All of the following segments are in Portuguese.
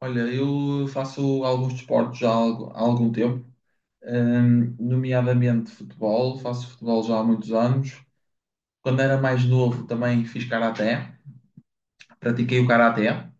Olha, eu faço alguns desportos já há algum tempo, nomeadamente futebol. Faço futebol já há muitos anos. Quando era mais novo também fiz karaté, pratiquei o karaté.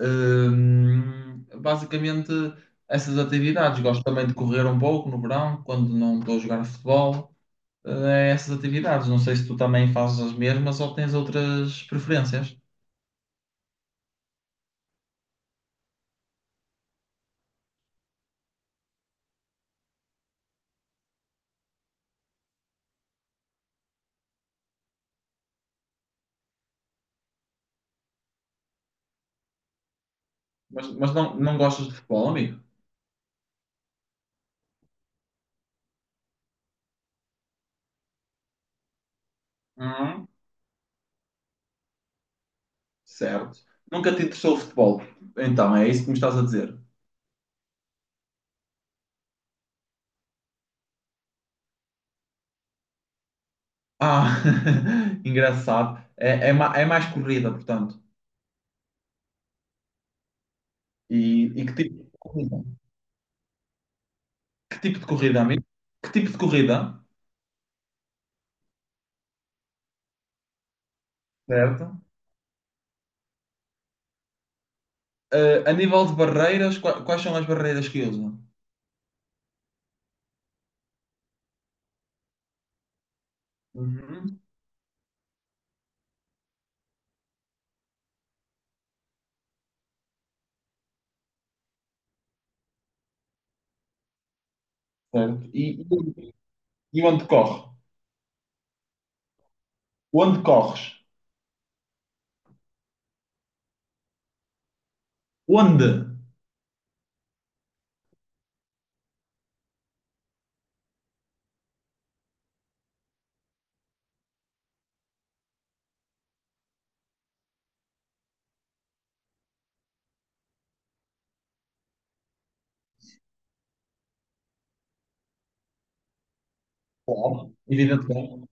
Basicamente essas atividades. Gosto também de correr um pouco no verão, quando não estou a jogar futebol. É essas atividades. Não sei se tu também fazes as mesmas ou tens outras preferências. Mas não, não gostas de futebol, amigo? Certo. Nunca te interessou o futebol. Então, é isso que me estás a dizer. Ah, engraçado. É mais corrida, portanto. E, e que tipo de corrida? Que tipo de corrida, amigo? Que tipo de corrida? Certo. Eh, a nível de barreiras, quais são as barreiras que usam? Uhum. Certo. E onde corre? Onde corres? Onde? Claro, evidentemente.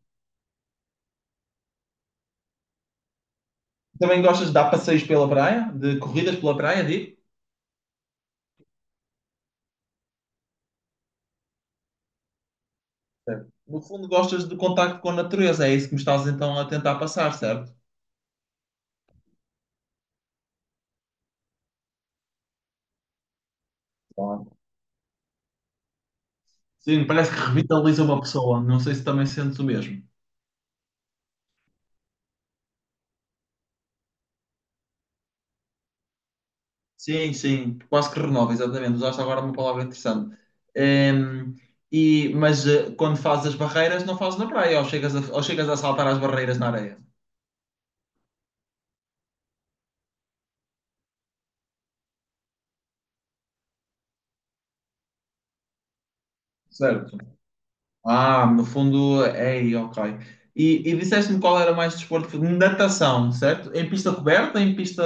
Também gostas de dar passeios pela praia? De corridas pela praia, digo? Certo. No fundo, gostas do contacto com a natureza, é isso que me estás então a tentar passar, certo? Claro. Sim, parece que revitaliza uma pessoa. Não sei se também sentes o mesmo. Sim, sim, quase que renova, exatamente. Usaste agora uma palavra interessante. Ehm, e, mas quando fazes as barreiras, não fazes na praia, ou chegas a saltar as barreiras na areia. Certo. Ah, no fundo, é aí, ok. E disseste-me qual era mais desporto? Natação, certo? Em pista coberta, em pista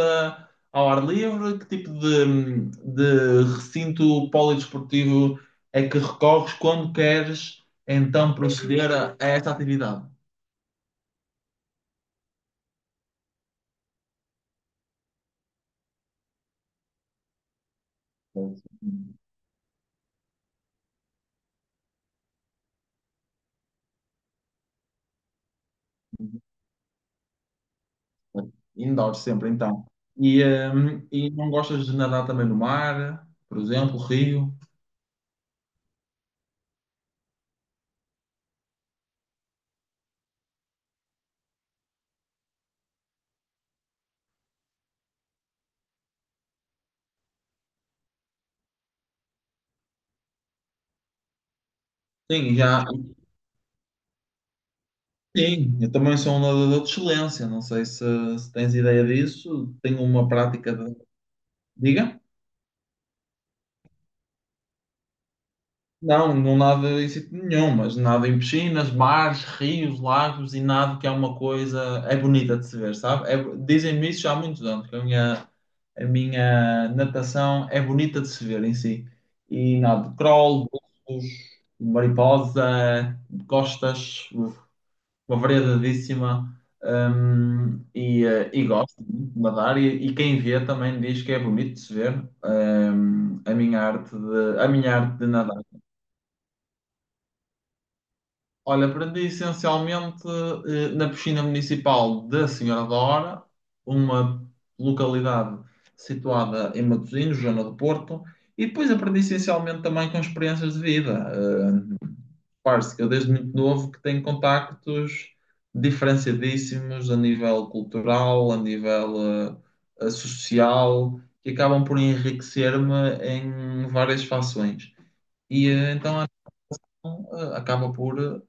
ao ar livre? Que tipo de recinto polidesportivo é que recorres quando queres então proceder a esta atividade? Indoor sempre, então. E não gostas de nadar também no mar, por exemplo, rio? Sim, já. Sim, eu também sou um nadador de excelência. Não sei se, se tens ideia disso. Tenho uma prática de. Diga? Não, não nado em sítio nenhum, mas nado em piscinas, mares, rios, lagos e nado que é uma coisa. É bonita de se ver, sabe? É- dizem-me isso já há muitos anos, que a minha natação é bonita de se ver em si. E nado de crawl, bultos, mariposa, costas. Uma variedadíssima e, e gosto muito de nadar e quem vê também diz que é bonito de se ver a minha arte de nadar. Olha, aprendi essencialmente na piscina municipal da Senhora da Hora, uma localidade situada em Matosinhos, zona do Porto, e depois aprendi essencialmente também com experiências de vida. Parce que eu desde muito novo que tenho contactos diferenciadíssimos a nível cultural, a nível social, que acabam por enriquecer-me em várias fações. E então, acaba por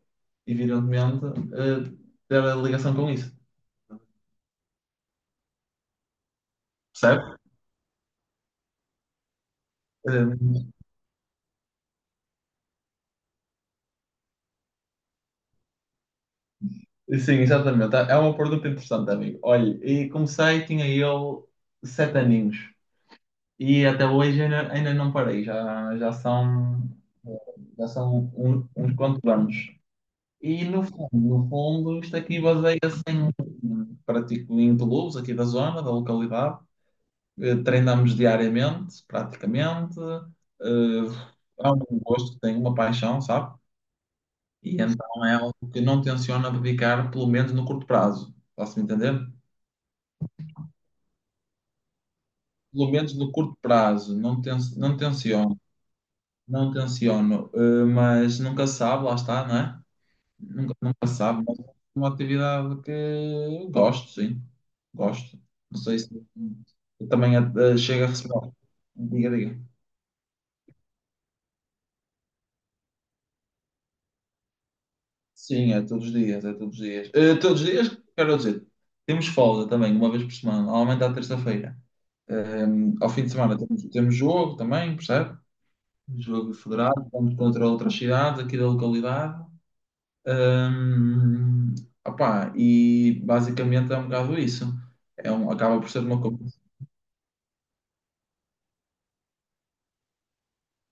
evidentemente, eh, ter a ligação com isso. Percebe? Eh, sim, exatamente. É uma pergunta interessante, amigo. Olha, e comecei, tinha eu 7 aninhos. E até hoje ainda, ainda não parei, já são um- uns quantos anos. E no fundo, isto aqui baseia-se em pratico em clubes aqui da zona, da localidade. Treinamos diariamente, praticamente. É um gosto que tenho, uma paixão, sabe? E então é algo que não tenciono dedicar, pelo menos no curto prazo. Posso-me entender? Pelo menos no curto prazo, não, ten não tenciono. Não tenciono, mas nunca se sabe, lá está, não é? Nunca se sabe, mas é uma atividade que gosto, sim. Gosto. Não sei se eu também chego a receber. Diga, diga. Sim, é todos os dias, é todos os dias. Eh, todos os dias, quero dizer, temos folga também, uma vez por semana, normalmente à terça-feira. Eh, Ao fim de semana temos jogo também, percebe? Jogo federado, vamos contra outras cidades aqui da localidade. Hum, Opá, e basicamente é um bocado isso. Acaba por ser uma competição.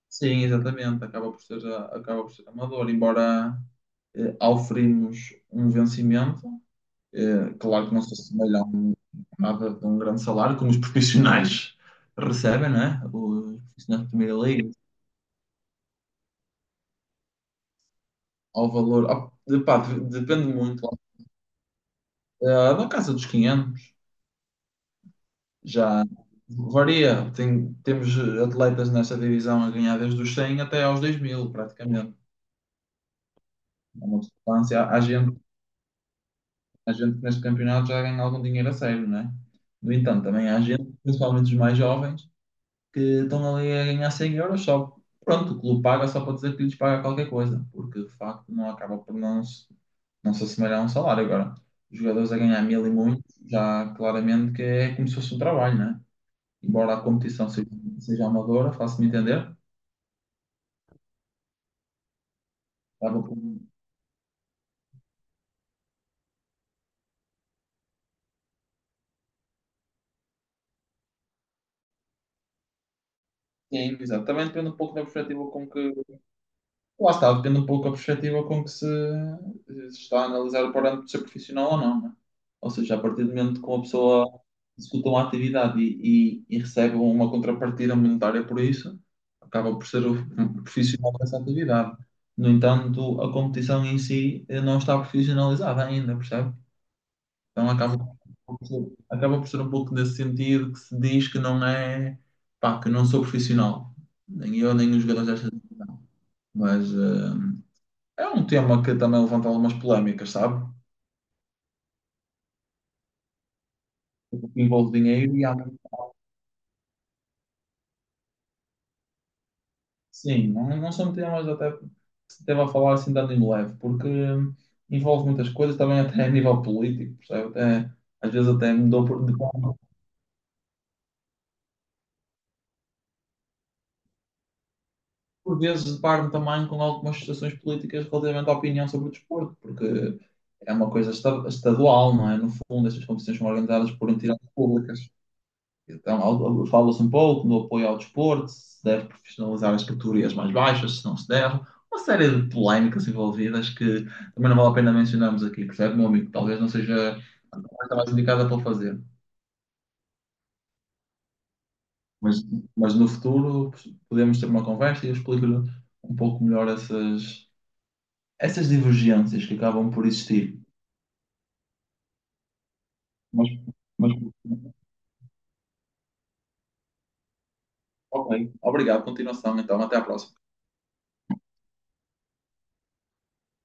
Sim, exatamente. Acaba por ser amador, embora oferimos um vencimento. Claro que não se assemelha a um, nada de um grande salário, como os profissionais recebem, não é? Os profissionais de primeira liga, ao valor. Pá, depende muito. Da casa dos 500. Já varia. Temos atletas nessa divisão a ganhar desde os 100 até aos 2000, praticamente. É uma substância. Há gente que neste campeonato já ganha algum dinheiro a sério, não é? No entanto, também há gente, principalmente os mais jovens, que estão ali a ganhar 100€ só. Pronto, o clube paga só para dizer que lhes paga qualquer coisa, porque de facto não acaba por não se, não se assemelhar a um salário. Agora, os jogadores a ganhar 1000 e muito, já claramente que é como se fosse um trabalho, embora seja amadora, faço-me entender. Estava com- Sim, exato. Também depende um pouco da perspectiva com que. Lá está, depende um pouco da perspectiva com que se está a analisar o parâmetro de ser profissional ou não, né? Ou seja, a partir do momento que uma pessoa executa uma atividade e recebe uma contrapartida monetária por isso, acaba por ser um profissional dessa atividade. No entanto, a competição em si não está profissionalizada ainda, percebe? Então acaba, Acaba por ser um pouco nesse sentido que se diz que não é, pá, que não sou profissional. Nem eu, nem os jogadores desta. Mas é um tema que também levanta algumas polémicas, sabe? Porque envolve dinheiro e há... Sim, não, não são temas até que se deva a falar assim dando em leve, porque envolve muitas coisas também até a nível político, percebe? Até, às vezes até mudou de por vezes deparo-me também com algumas situações políticas relativamente à opinião sobre o desporto, porque é uma coisa estadual, não é? No fundo, estas competições são organizadas por entidades públicas. Então, fala-se um pouco do apoio ao desporto, se deve profissionalizar as categorias mais baixas, se não se deve. Uma série de polémicas envolvidas que também não vale a pena mencionarmos aqui, percebe, meu amigo? Talvez não seja a conversa mais indicada para fazer. Mas, mas no futuro podemos ter uma conversa e eu explico-lhe um pouco melhor essas divergências que acabam por existir. Mas, mas, ok, obrigado, continuação, então, até à próxima.